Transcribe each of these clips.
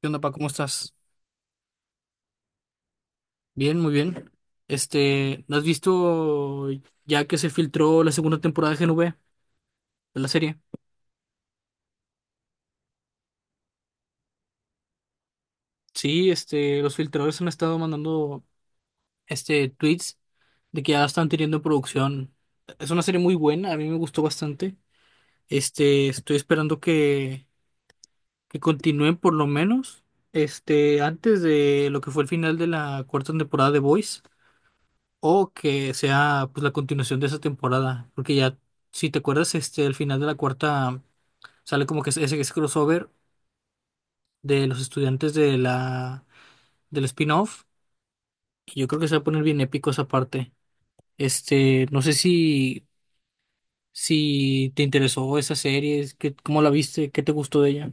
¿Qué onda, pa? ¿Cómo estás? Bien, muy bien. ¿No has visto ya que se filtró la segunda temporada de GNV de la serie? Sí, los filtradores han estado mandando tweets de que ya están teniendo producción. Es una serie muy buena, a mí me gustó bastante. Estoy esperando que continúen por lo menos antes de lo que fue el final de la cuarta temporada de Boys. O que sea pues la continuación de esa temporada. Porque ya, si te acuerdas, al final de la cuarta sale como que ese crossover de los estudiantes de del spin-off. Y yo creo que se va a poner bien épico esa parte. No sé si te interesó esa serie, es que, ¿cómo la viste? ¿Qué te gustó de ella?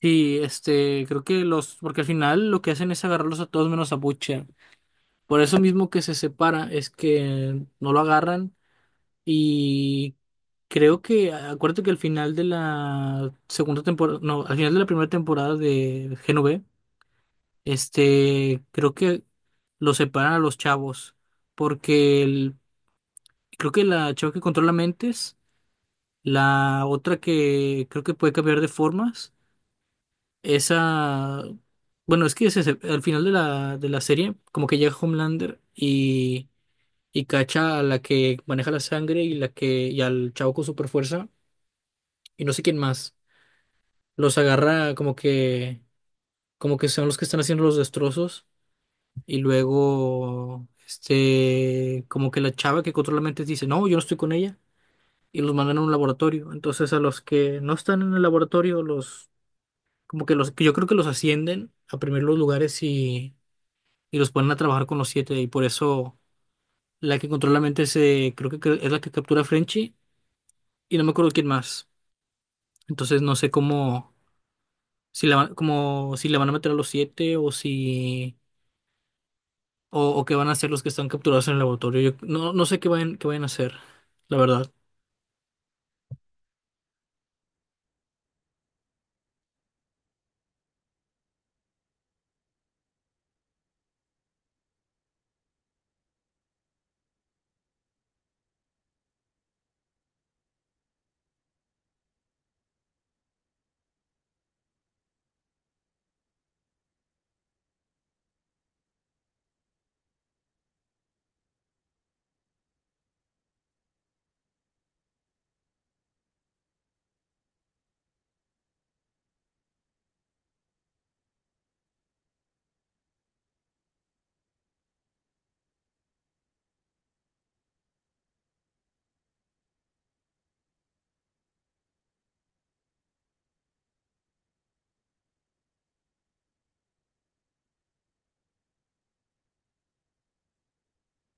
Sí, creo que los, porque al final lo que hacen es agarrarlos a todos menos a Butcher. Por eso mismo que se separa es que no lo agarran y creo que, acuérdate que al final de la segunda temporada, no, al final de la primera temporada de Genove, creo que lo separan a los chavos, porque el- creo que la chava que controla mentes, la otra que creo que puede cambiar de formas, esa, bueno, es que al final de de la serie como que llega Homelander y cacha a la que maneja la sangre y la que y al chavo con super fuerza y no sé quién más. Los agarra como que son los que están haciendo los destrozos y luego como que la chava que controla mentes dice, "No, yo no estoy con ella", y los mandan a un laboratorio. Entonces, a los que no están en el laboratorio, los como que los que yo creo que los ascienden a primeros lugares, y los ponen a trabajar con los siete, y por eso la que controla mentes, creo que es la que captura a Frenchy y no me acuerdo quién más. Entonces no sé cómo, como, si la van a meter a los siete o si, o qué van a hacer los que están capturados en el laboratorio. Yo no, no sé qué vayan a hacer, la verdad.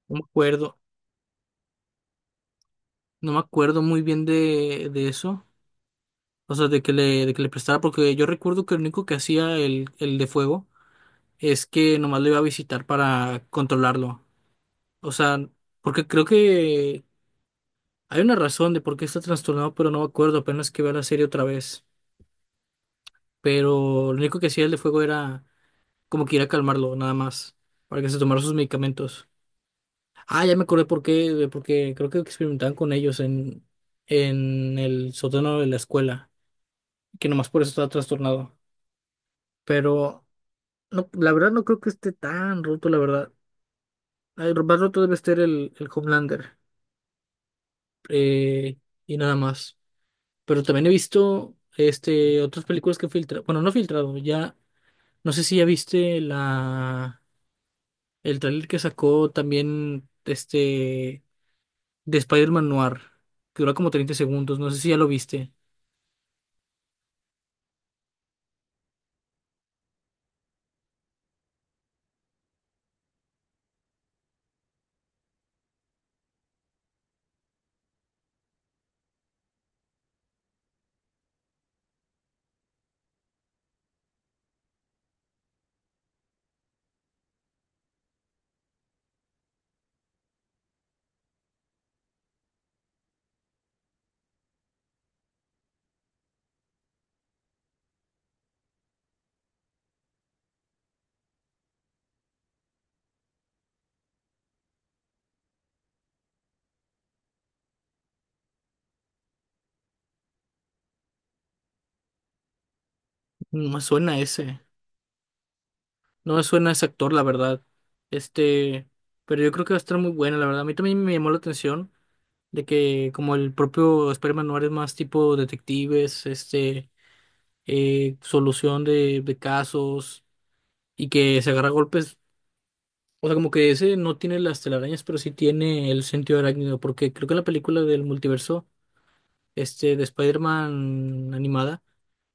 No me acuerdo, no me acuerdo muy bien de eso. O sea, de que le prestara, porque yo recuerdo que lo único que hacía el de fuego es que nomás lo iba a visitar para controlarlo. O sea, porque creo que hay una razón de por qué está trastornado, pero no me acuerdo, apenas que veo la serie otra vez. Pero lo único que hacía el de fuego era como que ir a calmarlo, nada más, para que se tomara sus medicamentos. Ah, ya me acordé por qué, porque creo que experimentaban con ellos en el sótano de la escuela, que nomás por eso estaba trastornado. Pero no, la verdad no creo que esté tan roto, la verdad. Ay, lo más roto debe estar el Homelander, eh, y nada más. Pero también he visto otras películas que filtra, bueno, no filtrado, ya, no sé si ya viste el trailer que sacó también de Spider-Man Noir, que dura como 30 segundos, no sé si ya lo viste. No me suena ese, no me suena ese actor, la verdad. Este, pero yo creo que va a estar muy buena, la verdad. A mí también me llamó la atención de que como el propio Spider-Man Noir es más tipo detectives, solución de casos y que se agarra a golpes. O sea, como que ese no tiene las telarañas, pero sí tiene el sentido arácnido, porque creo que en la película del multiverso, de Spider-Man animada,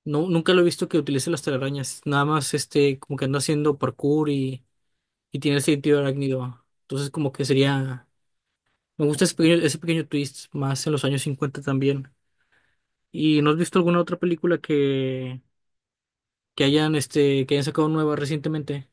no, nunca lo he visto que utilice las telarañas. Nada más como que anda haciendo parkour y tiene el sentido arácnido. Entonces, como que sería. Me gusta ese pequeño twist, más en los años 50 también. ¿Y no has visto alguna otra película que hayan, que hayan sacado nueva recientemente?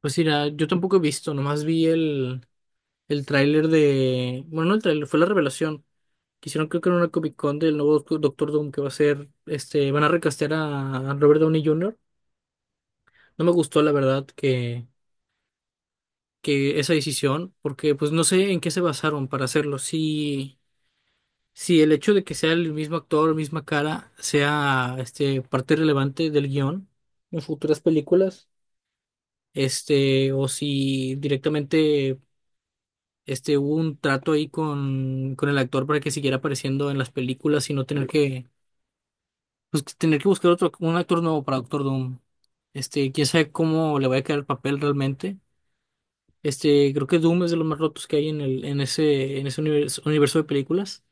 Pues mira, yo tampoco he visto, nomás vi el tráiler de. Bueno, no el tráiler, fue la revelación. Que hicieron creo que en una Comic Con del nuevo Doctor Doom que va a ser, este, van a recastear a Robert Downey Jr. No me gustó, la verdad, que esa decisión, porque pues no sé en qué se basaron para hacerlo. Si, si el hecho de que sea el mismo actor, misma cara, sea parte relevante del guión en futuras películas, o si directamente hubo un trato ahí con el actor para que siguiera apareciendo en las películas y no tener que, pues, tener que buscar otro, un actor nuevo para Doctor Doom. Quién sabe cómo le vaya a quedar el papel realmente. Creo que Doom es de los más rotos que hay en ese universo de películas.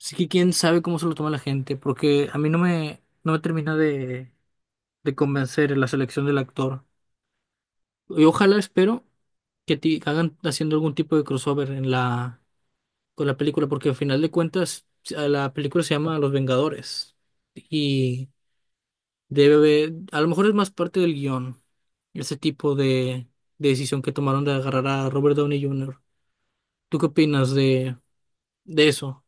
Así que quién sabe cómo se lo toma la gente, porque a mí no me termina de convencer la selección del actor. Y ojalá espero hagan haciendo algún tipo de crossover con la película, porque al final de cuentas a la película se llama Los Vengadores. Y a lo mejor es más parte del guión, ese tipo de decisión que tomaron de agarrar a Robert Downey Jr. ¿Tú qué opinas de eso?